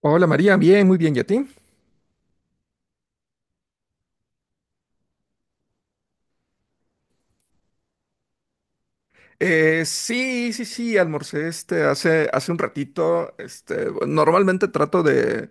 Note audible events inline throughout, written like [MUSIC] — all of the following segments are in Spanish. Hola María, bien, muy bien, ¿y a ti? Sí, sí, sí, almorcé hace un ratito. Normalmente trato de,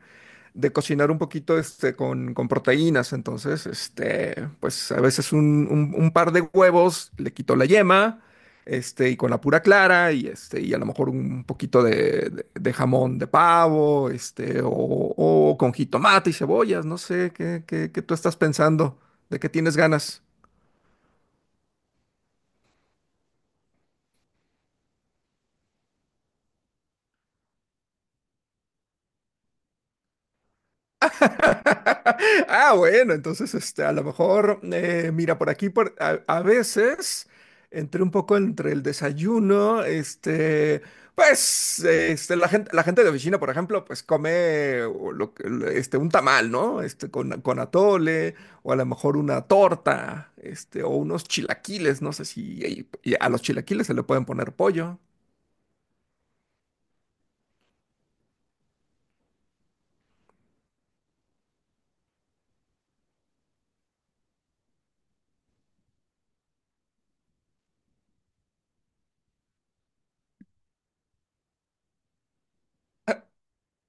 de cocinar un poquito con proteínas, entonces, pues a veces un par de huevos, le quito la yema, y con la pura clara, y y a lo mejor un poquito de jamón de pavo, o con jitomate y cebollas, no sé, ¿qué tú estás pensando? ¿De qué tienes ganas? Ah, bueno, entonces a lo mejor, mira, por aquí a veces entre un poco entre el desayuno, pues la gente de oficina, por ejemplo, pues come un tamal, ¿no? Con atole, o a lo mejor una torta, o unos chilaquiles, no sé si y a los chilaquiles se le pueden poner pollo.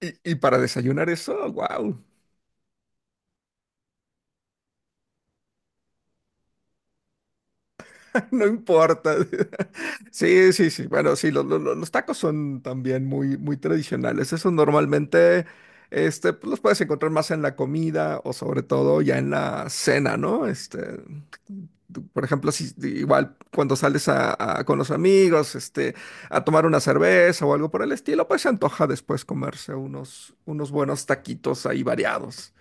Y para desayunar eso, wow. No importa. [LAUGHS] Sí, sí, sí. Bueno, sí, los tacos son también muy, muy tradicionales. Eso normalmente, pues, los puedes encontrar más en la comida o sobre todo ya en la cena, ¿no? Tú, por ejemplo, si igual cuando sales con los amigos, a tomar una cerveza o algo por el estilo, pues se antoja después comerse unos buenos taquitos ahí variados.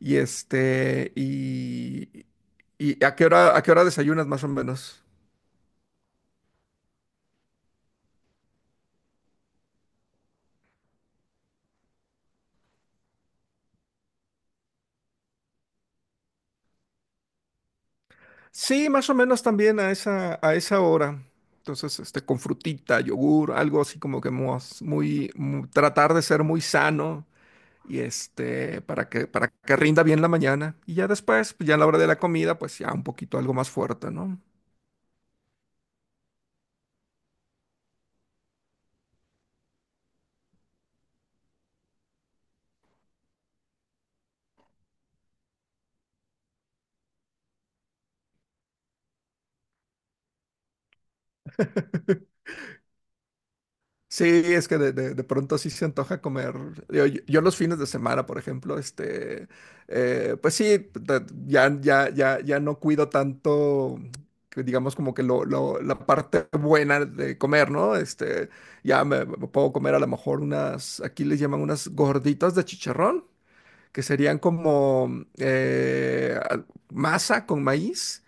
Y este, y, ¿A qué hora desayunas más o menos? Sí, más o menos también a esa hora. Entonces, con frutita, yogur, algo así como que tratar de ser muy sano y para que rinda bien la mañana. Y ya después, pues ya a la hora de la comida, pues ya un poquito algo más fuerte, ¿no? Sí, es que de pronto sí se antoja comer. Yo los fines de semana, por ejemplo, pues sí, ya, ya, ya, ya no cuido tanto, que digamos, como que la parte buena de comer, ¿no? Ya me puedo comer a lo mejor unas, aquí les llaman unas gorditas de chicharrón, que serían como eh, al- masa con maíz,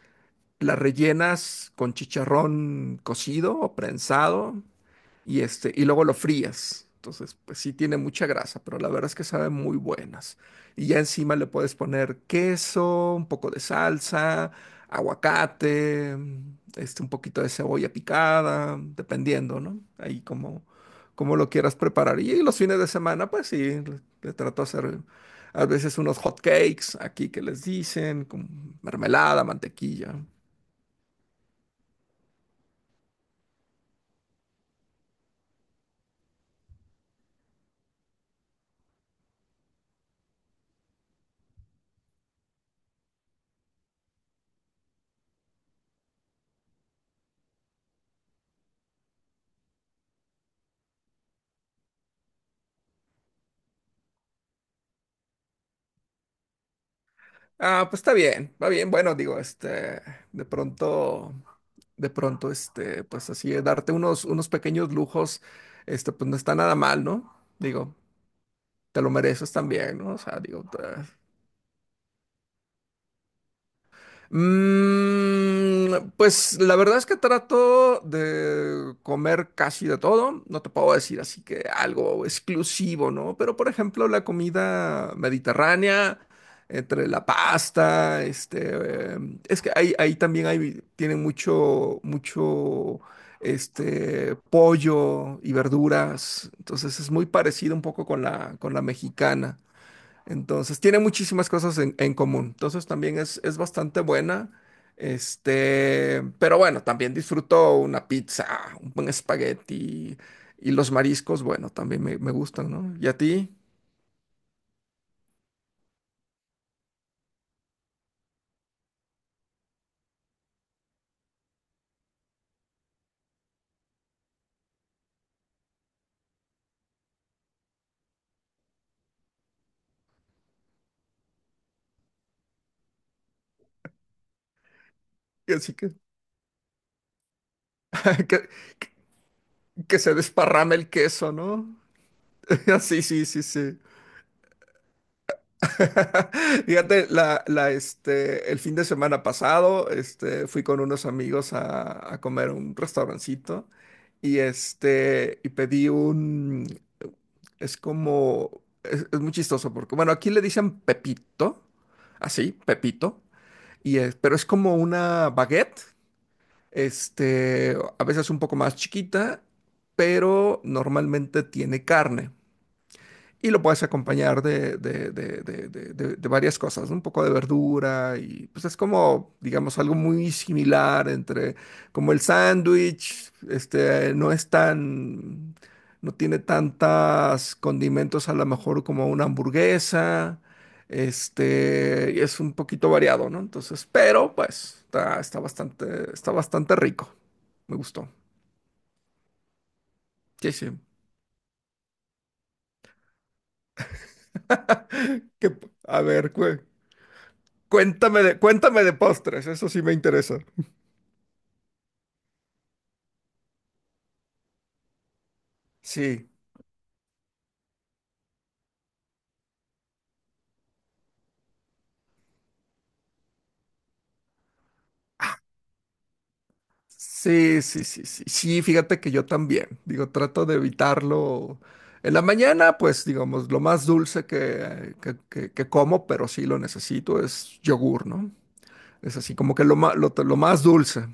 las rellenas con chicharrón cocido o prensado, y luego lo frías. Entonces, pues sí tiene mucha grasa, pero la verdad es que saben muy buenas. Y ya encima le puedes poner queso, un poco de salsa, aguacate, un poquito de cebolla picada, dependiendo, ¿no? Ahí como lo quieras preparar. Y los fines de semana, pues sí, le trato de hacer a veces unos hot cakes aquí que les dicen, con mermelada, mantequilla. Ah, pues está bien, va bien. Bueno, digo, de pronto, de pronto, pues así, darte unos pequeños lujos, pues no está nada mal, ¿no? Digo, te lo mereces también, ¿no? O sea, digo. Pues la verdad es que trato de comer casi de todo. No te puedo decir así que algo exclusivo, ¿no? Pero por ejemplo, la comida mediterránea, entre la pasta, eh, es que ahí también tienen mucho, pollo y verduras. Entonces es muy parecido un poco con la mexicana. Entonces, tiene muchísimas cosas en común. Entonces, también es bastante buena. Pero bueno, también disfruto una pizza, un buen espagueti y los mariscos, bueno, también me gustan, ¿no? ¿Y a ti? Y así que, [LAUGHS] que, que se desparrame el queso, ¿no? [LAUGHS] Sí, sí, sí, sí. [LAUGHS] Fíjate, la, el fin de semana pasado, fui con unos amigos a comer a un restaurancito y pedí un. Es como, es muy chistoso porque, bueno, aquí le dicen Pepito, así, Pepito, pero es como una baguette, a veces un poco más chiquita, pero normalmente tiene carne. Y lo puedes acompañar de- de- varias cosas, ¿no? Un poco de verdura y pues es como, digamos, algo muy similar entre como el sándwich, no es tan, no tiene tantas condimentos a lo mejor como una hamburguesa, y es un poquito variado, ¿no? Entonces, pero pues está bastante rico, me gustó. Sí, sí. [LAUGHS] Que- a ver, cuéntame de postres, eso sí me interesa. Sí, sí, sí, sí, sí, sí, fíjate que yo también, digo, trato de evitarlo. En la mañana, pues, digamos, lo más dulce que como, pero sí lo necesito, es yogur, ¿no? Es así como que lo más dulce.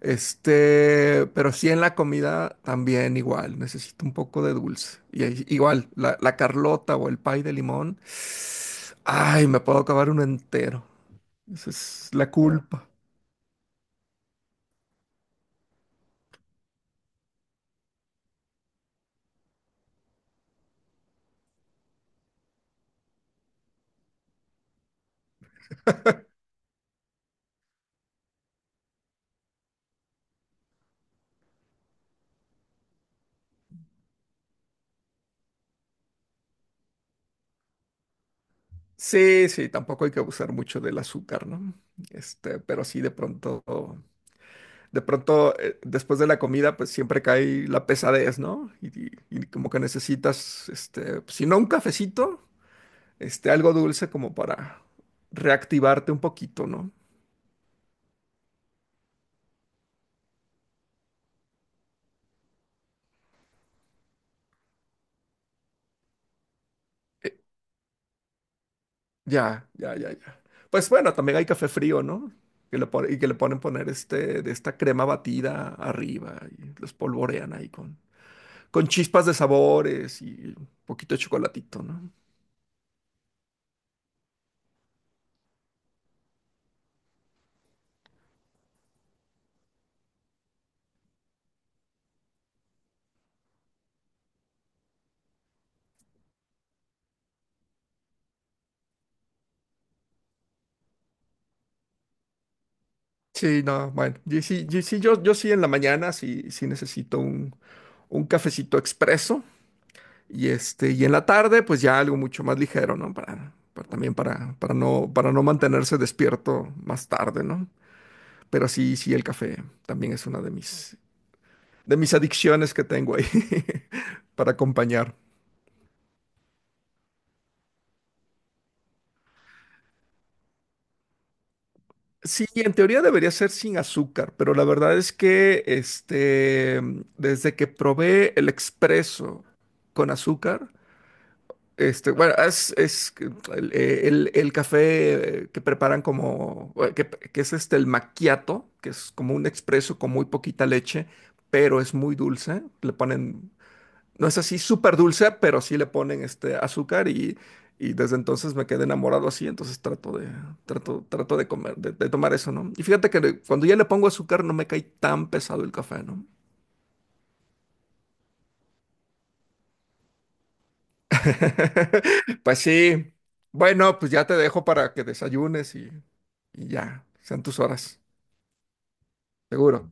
Pero sí en la comida también igual, necesito un poco de dulce. Y ahí igual, la carlota o el pay de limón, ay, me puedo acabar uno entero. Esa es la culpa. Sí, sí, tampoco hay que abusar mucho del azúcar, ¿no? Pero sí de pronto, después de la comida, pues siempre cae la pesadez, ¿no? Y como que necesitas, pues, si no un cafecito, algo dulce como para reactivarte un poquito, ¿no? Eh, ya, ya, ya, ya. Pues bueno, también hay café frío, ¿no? Que le y que le ponen poner de esta crema batida arriba y los polvorean ahí con chispas de sabores y un poquito de chocolatito, ¿no? Sí, no, bueno, y sí, yo sí en la mañana sí necesito un cafecito expreso y en la tarde pues ya algo mucho más ligero, ¿no? Para también para no mantenerse despierto más tarde, ¿no? Pero sí, sí, el café también es una de mis, adicciones que tengo ahí [LAUGHS] para acompañar. Sí, en teoría debería ser sin azúcar, pero la verdad es que desde que probé el expreso con azúcar, bueno, es que el café que preparan que es el macchiato, que es como un expreso con muy poquita leche, pero es muy dulce, le ponen no es así súper dulce, pero sí le ponen este azúcar y desde entonces me quedé enamorado así, entonces trato de comer, de tomar eso, ¿no? Y fíjate que cuando ya le pongo azúcar no me cae tan pesado el café, ¿no? [LAUGHS] Pues sí. Bueno, pues ya te dejo para que desayunes y ya, sean tus horas, seguro.